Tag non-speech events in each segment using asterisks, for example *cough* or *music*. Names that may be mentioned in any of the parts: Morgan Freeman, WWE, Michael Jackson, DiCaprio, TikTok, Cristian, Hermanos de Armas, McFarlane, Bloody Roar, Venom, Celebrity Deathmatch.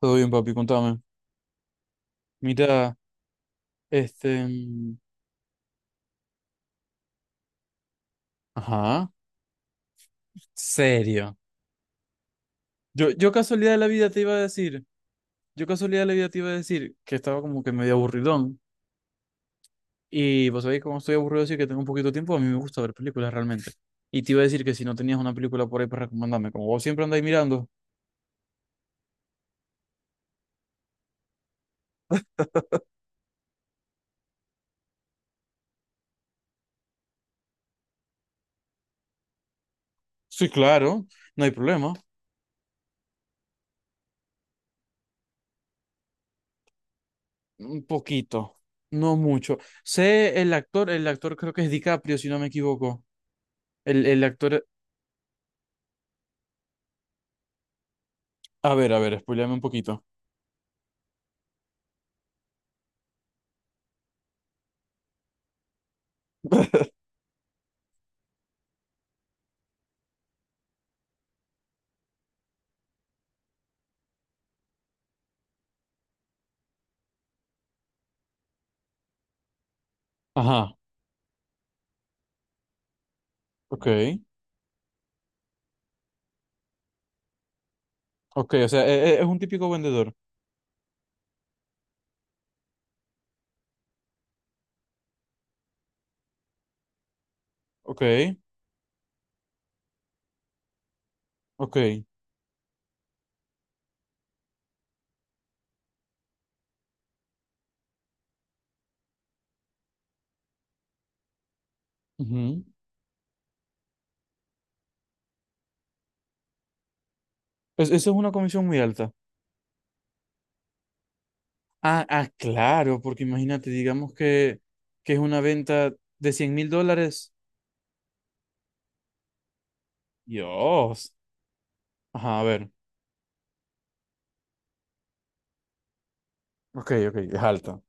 Todo bien, papi, contame. Mira, este... mm, ajá. Serio. Yo casualidad de la vida te iba a decir, yo casualidad de la vida te iba a decir que estaba como que medio aburridón. Y vos sabéis cómo estoy aburrido, así que tengo un poquito de tiempo, a mí me gusta ver películas realmente. Y te iba a decir que si no tenías una película por ahí para recomendarme, como vos siempre andáis mirando. Sí, claro, no hay problema. Un poquito, no mucho. Sé el actor creo que es DiCaprio, si no me equivoco. El actor... a ver, spoileame un poquito. *laughs* Ajá. Ok, ok, o sea, es, un típico vendedor. Ok, ok. Ujú. Eso es una comisión muy alta. Ah, ah, claro, porque imagínate, digamos que es una venta de $100.000. Dios. Ajá, a ver. Ok, ok, es alta.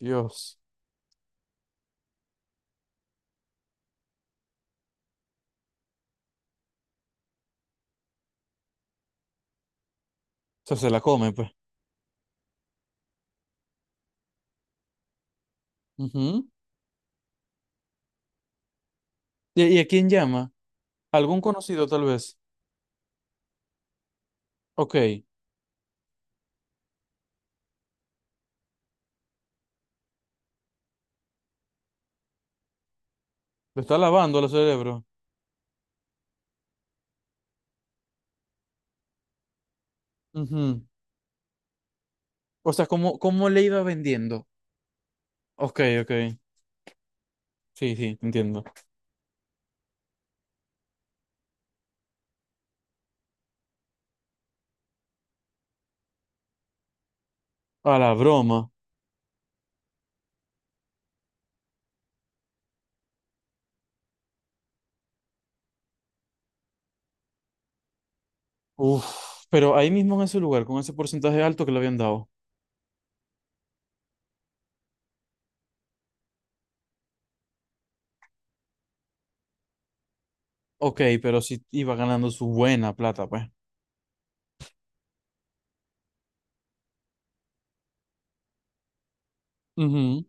Dios. O sea, se la come, pues. Ujú. Y a quién llama? ¿Algún conocido, tal vez? Ok, lo está lavando el cerebro. Ujú. O sea, ¿cómo, cómo le iba vendiendo? Ok, ok. Sí, sí, entiendo. A la broma. Uf, pero ahí mismo en ese lugar, con ese porcentaje alto que le habían dado. Ok, pero sí iba ganando su buena plata, pues. Ujú,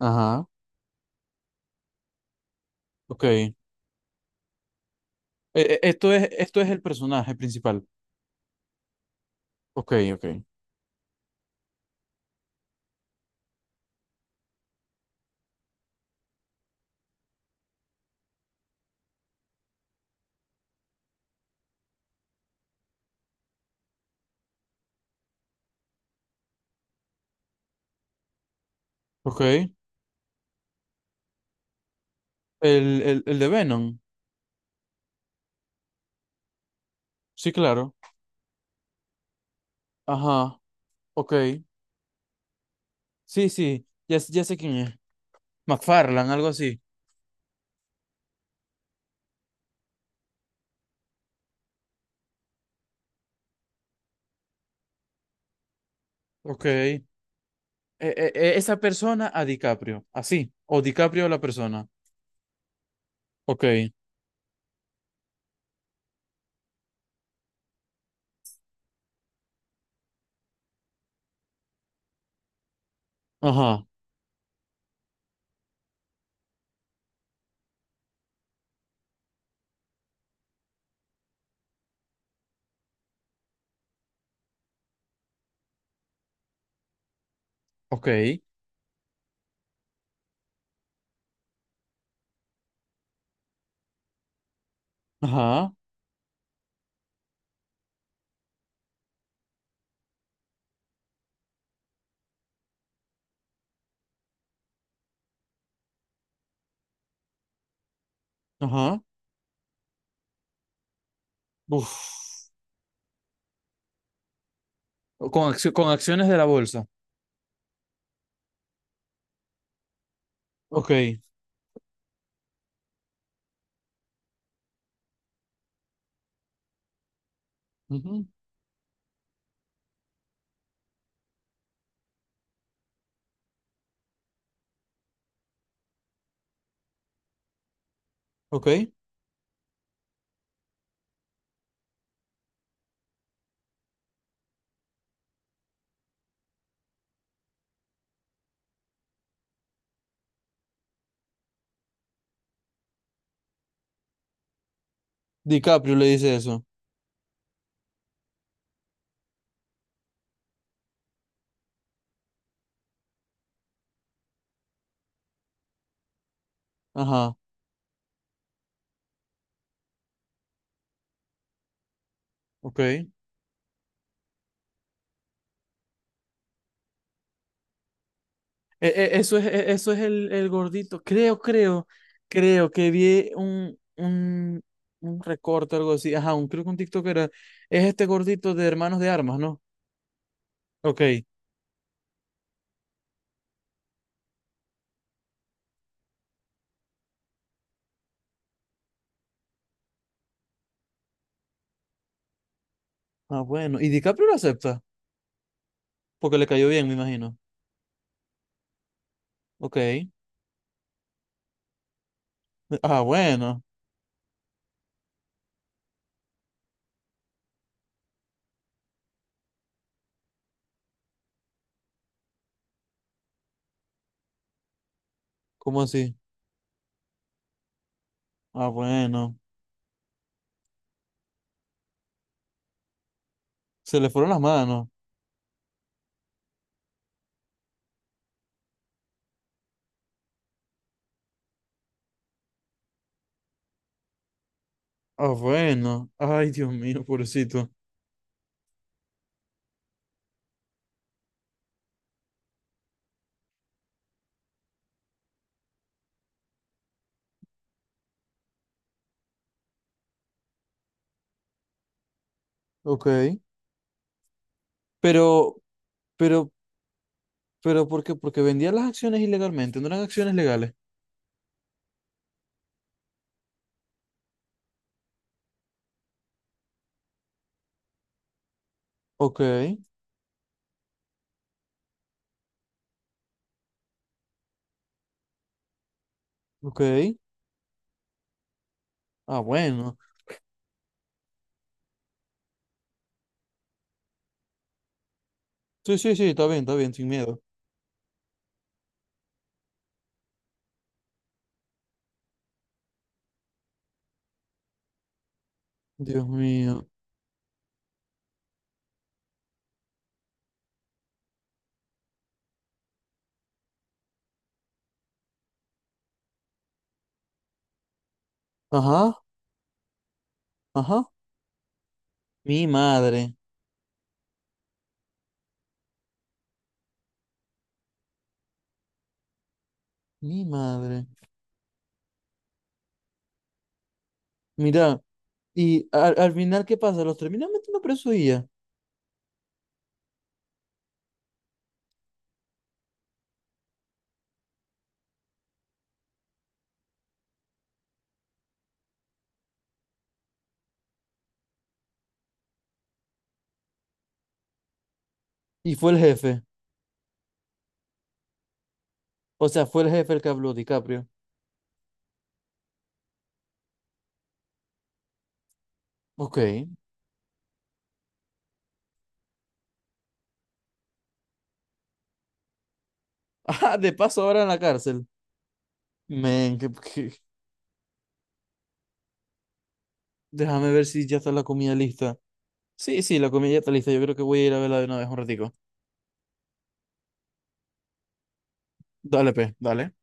ajá, ok. Esto es, esto es el personaje principal. Ok, ok. Ok. El de Venom. Sí, claro. Ajá, ok. Sí, sí, ya, ya sé quién es. McFarlane, algo así. Ok. Esa persona a DiCaprio, así. O DiCaprio a la persona. Ok. Ajá, ok. Ajá, ajá. Uf. Con acciones de la bolsa. Ok. Ujú, ok. DiCaprio le dice eso. Ajá. Ok. Eso es, eso es el gordito. Creo, creo, creo que vi un recorte, algo así. Ajá, un, creo que un TikTok era. Es este gordito de Hermanos de Armas, ¿no? Ok. Ah, bueno. ¿Y DiCaprio lo acepta? Porque le cayó bien, me imagino. Ok. Ah, bueno. ¿Cómo así? Ah, bueno. Se le fueron las manos. Ah, bueno. Ay, Dios mío, pobrecito. Ok. Pero, pero, pero, ¿por qué? Porque vendía las acciones ilegalmente, no eran acciones legales. Ok. Ok. Ah, bueno. Sí, sí, sí, está bien, sin miedo. Dios mío. Ajá. Ajá. Mi madre, mi madre. Mira, y al, al final, ¿qué pasa? Los terminan metiendo preso y ya. Y fue el jefe. O sea, fue el jefe el que habló, DiCaprio. Ok. *laughs* Ah, de paso ahora en la cárcel. Men, que, déjame ver si ya está la comida lista. Sí, sí, la comida ya está lista. Yo creo que voy a ir a verla de una vez un ratico. Dale, pe, dale.